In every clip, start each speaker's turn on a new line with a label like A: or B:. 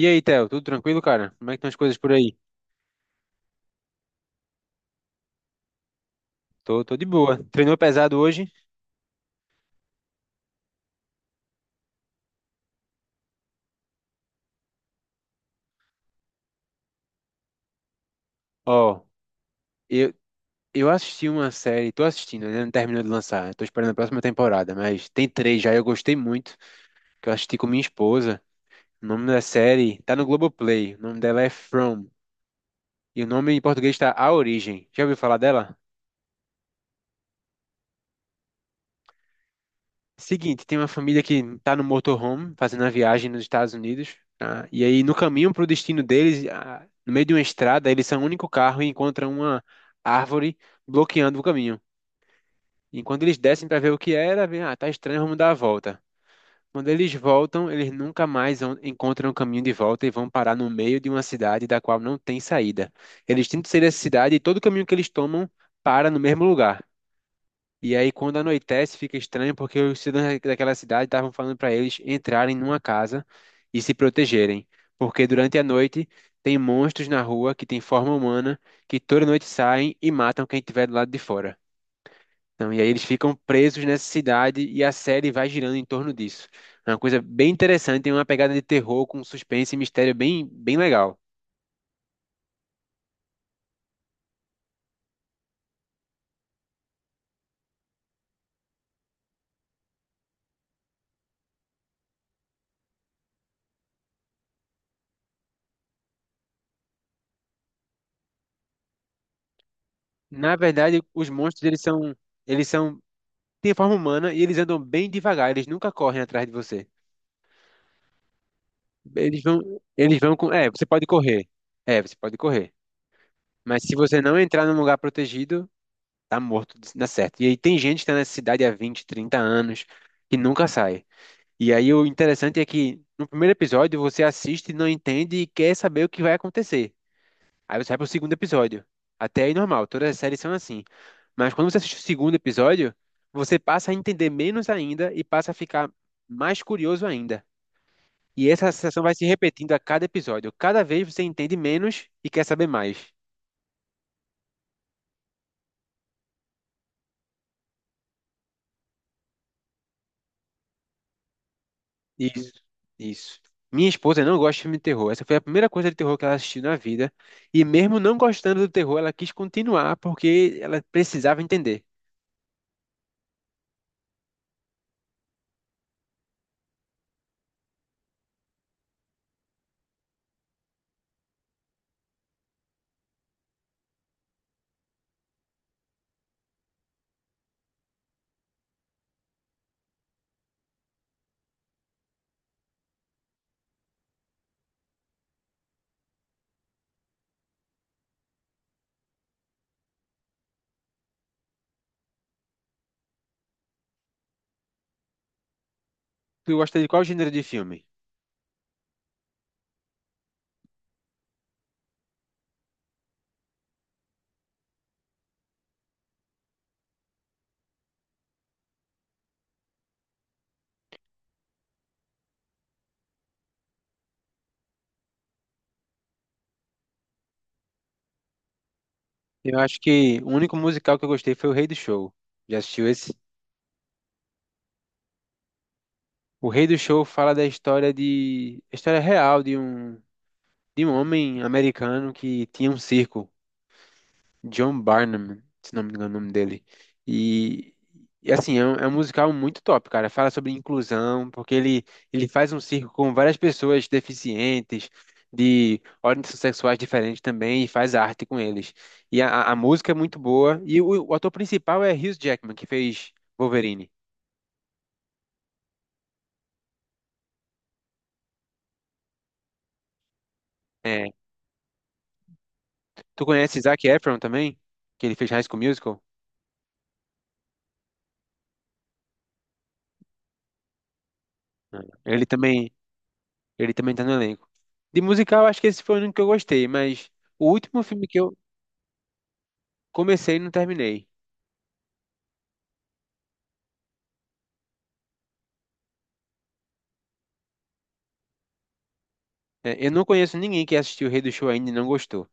A: E aí, Theo, tudo tranquilo, cara? Como é que estão as coisas por aí? Tô de boa. Treinou pesado hoje? Ó, eu, eu assisti uma série, tô assistindo, ainda não terminou de lançar. Tô esperando a próxima temporada, mas tem três já, eu gostei muito, que eu assisti com minha esposa. O nome da série tá no Globoplay, o nome dela é From, e o nome em português tá A Origem. Já ouviu falar dela? Seguinte, tem uma família que tá no motorhome fazendo a viagem nos Estados Unidos, tá? E aí no caminho para o destino deles, no meio de uma estrada, eles são o único carro e encontram uma árvore bloqueando o caminho. Enquanto eles descem para ver o que era, vem, tá estranho, vamos dar a volta. Quando eles voltam, eles nunca mais encontram o caminho de volta e vão parar no meio de uma cidade da qual não tem saída. Eles tentam sair dessa cidade e todo o caminho que eles tomam para no mesmo lugar. E aí, quando anoitece, fica estranho porque os cidadãos daquela cidade estavam falando para eles entrarem numa casa e se protegerem. Porque durante a noite tem monstros na rua que têm forma humana, que toda noite saem e matam quem estiver do lado de fora. Então, e aí eles ficam presos nessa cidade e a série vai girando em torno disso. É uma coisa bem interessante, tem uma pegada de terror com suspense e mistério bem legal. Na verdade, os monstros eles são, têm forma humana e eles andam bem devagar, eles nunca correm atrás de você. Eles vão, eles vão com, é, você pode correr. É, você pode correr. Mas se você não entrar num lugar protegido, tá morto, dá certo. E aí tem gente que tá nessa cidade há 20, 30 anos que nunca sai. E aí o interessante é que no primeiro episódio você assiste, não entende e quer saber o que vai acontecer. Aí você vai pro segundo episódio. Até aí normal, todas as séries são assim. Mas quando você assiste o segundo episódio, você passa a entender menos ainda e passa a ficar mais curioso ainda. E essa sensação vai se repetindo a cada episódio. Cada vez você entende menos e quer saber mais. Isso, isso. Minha esposa não gosta de filme de terror. Essa foi a primeira coisa de terror que ela assistiu na vida. E mesmo não gostando do terror, ela quis continuar porque ela precisava entender. Tu gosta de qual gênero de filme? Eu acho que o único musical que eu gostei foi O Rei do Show. Já assistiu esse? O Rei do Show fala a história real de de um homem americano que tinha um circo. John Barnum, se não me engano o nome dele. E, e, assim, é um musical muito top, cara. Fala sobre inclusão, ele faz um circo com várias pessoas deficientes, de ordens sexuais diferentes também, e faz arte com eles. E a música é muito boa. E o ator principal é Hugh Jackman, que fez Wolverine. É. Tu conhece Zac Efron também? Que ele fez High School Musical? Não. Ele também tá no elenco. De musical, acho que esse foi o único que eu gostei, mas o último filme que eu Comecei e não terminei. É, eu não conheço ninguém que assistiu o Rei do Show ainda e não gostou.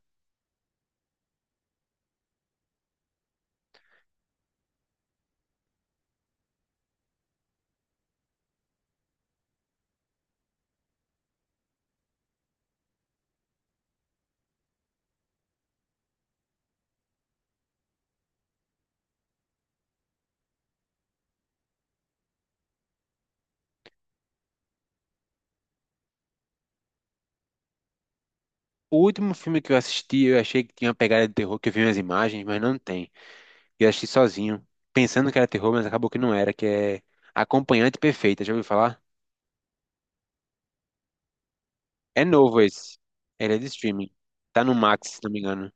A: O último filme que eu assisti, eu achei que tinha uma pegada de terror, que eu vi umas imagens, mas não tem. Eu assisti sozinho, pensando que era terror, mas acabou que não era, que é Acompanhante Perfeita, já ouviu falar? É novo esse. Ele é de streaming. Tá no Max, se não me engano.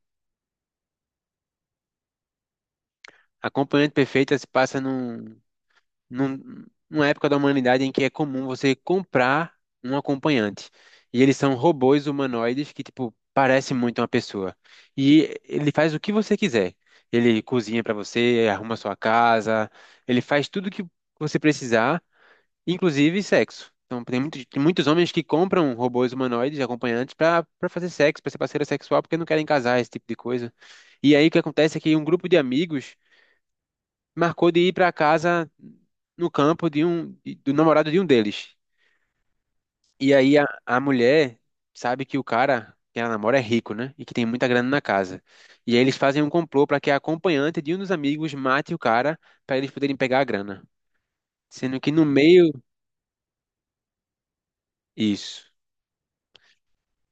A: Acompanhante Perfeita se passa numa época da humanidade em que é comum você comprar um acompanhante. E eles são robôs humanoides que, tipo, parecem muito uma pessoa. E ele faz o que você quiser. Ele cozinha para você, arruma sua casa, ele faz tudo que você precisar, inclusive sexo. Então, tem muitos homens que compram robôs humanoides, acompanhantes, para fazer sexo, para ser parceira sexual, porque não querem casar, esse tipo de coisa. E aí o que acontece é que um grupo de amigos marcou de ir para casa no campo de do namorado de um deles. E aí a mulher sabe que o cara que ela namora é rico, né? E que tem muita grana na casa. E aí eles fazem um complô para que a acompanhante de um dos amigos mate o cara para eles poderem pegar a grana. Sendo que no meio isso,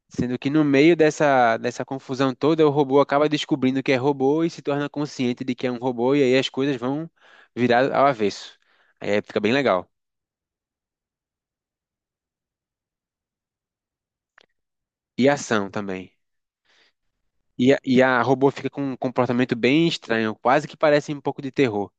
A: sendo que no meio dessa confusão toda, o robô acaba descobrindo que é robô e se torna consciente de que é um robô e aí as coisas vão virar ao avesso. Aí fica bem legal. E ação também. E e a robô fica com um comportamento bem estranho, quase que parece um pouco de terror.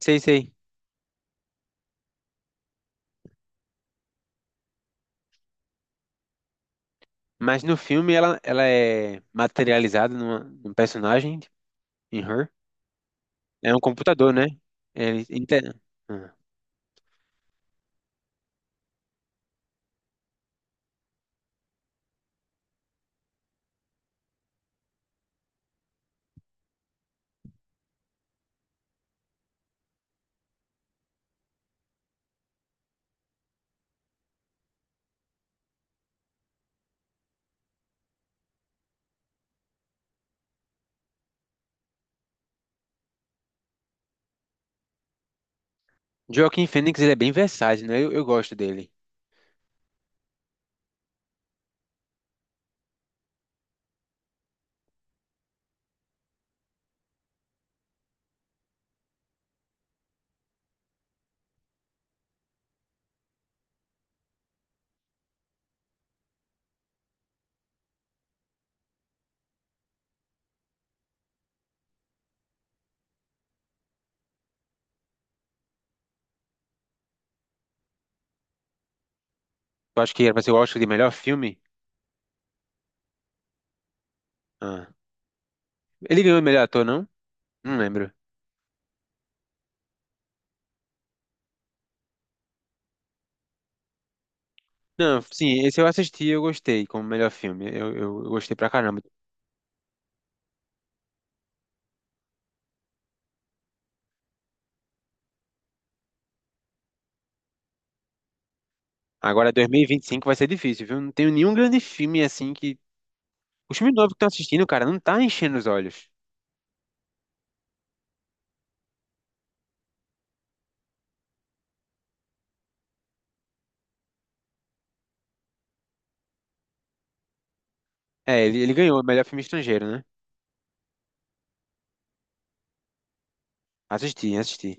A: Sei. Mas no filme ela é materializada num personagem, em Her. É um computador, né? Ele, inte- Ah. Joaquin Phoenix, ele é bem versátil, né? Eu gosto dele. Eu acho que era pra ser o Oscar de melhor filme. Ah. Ele ganhou o melhor ator, não? Não lembro. Não, sim, esse eu assisti e eu gostei como melhor filme. Eu gostei pra caramba. Agora 2025 vai ser difícil, viu? Não tenho nenhum grande filme assim que Os filmes novos que tá assistindo, cara, não tá enchendo os olhos. É, ele ganhou o melhor filme estrangeiro, né? Assisti.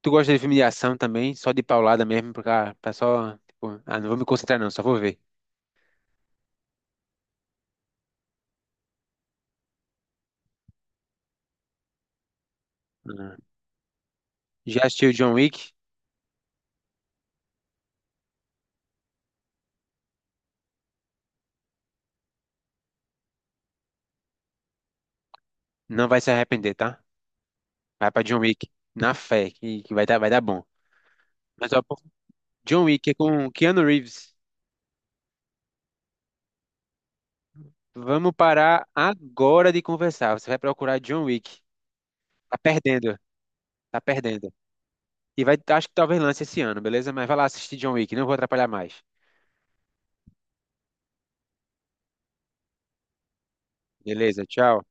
A: Tu gosta de filme de ação também? Só de paulada mesmo, pra só. Tipo, ah, não vou me concentrar, não, só vou ver. Ah, já assistiu John Wick? Não vai se arrepender, tá? Vai pra John Wick, na fé, que vai dar bom. Mas, ó, pô, John Wick é com Keanu Reeves. Vamos parar agora de conversar. Você vai procurar John Wick. Tá perdendo, tá perdendo. E vai, acho que talvez lance esse ano, beleza? Mas vai lá assistir John Wick, não vou atrapalhar mais. Beleza, tchau.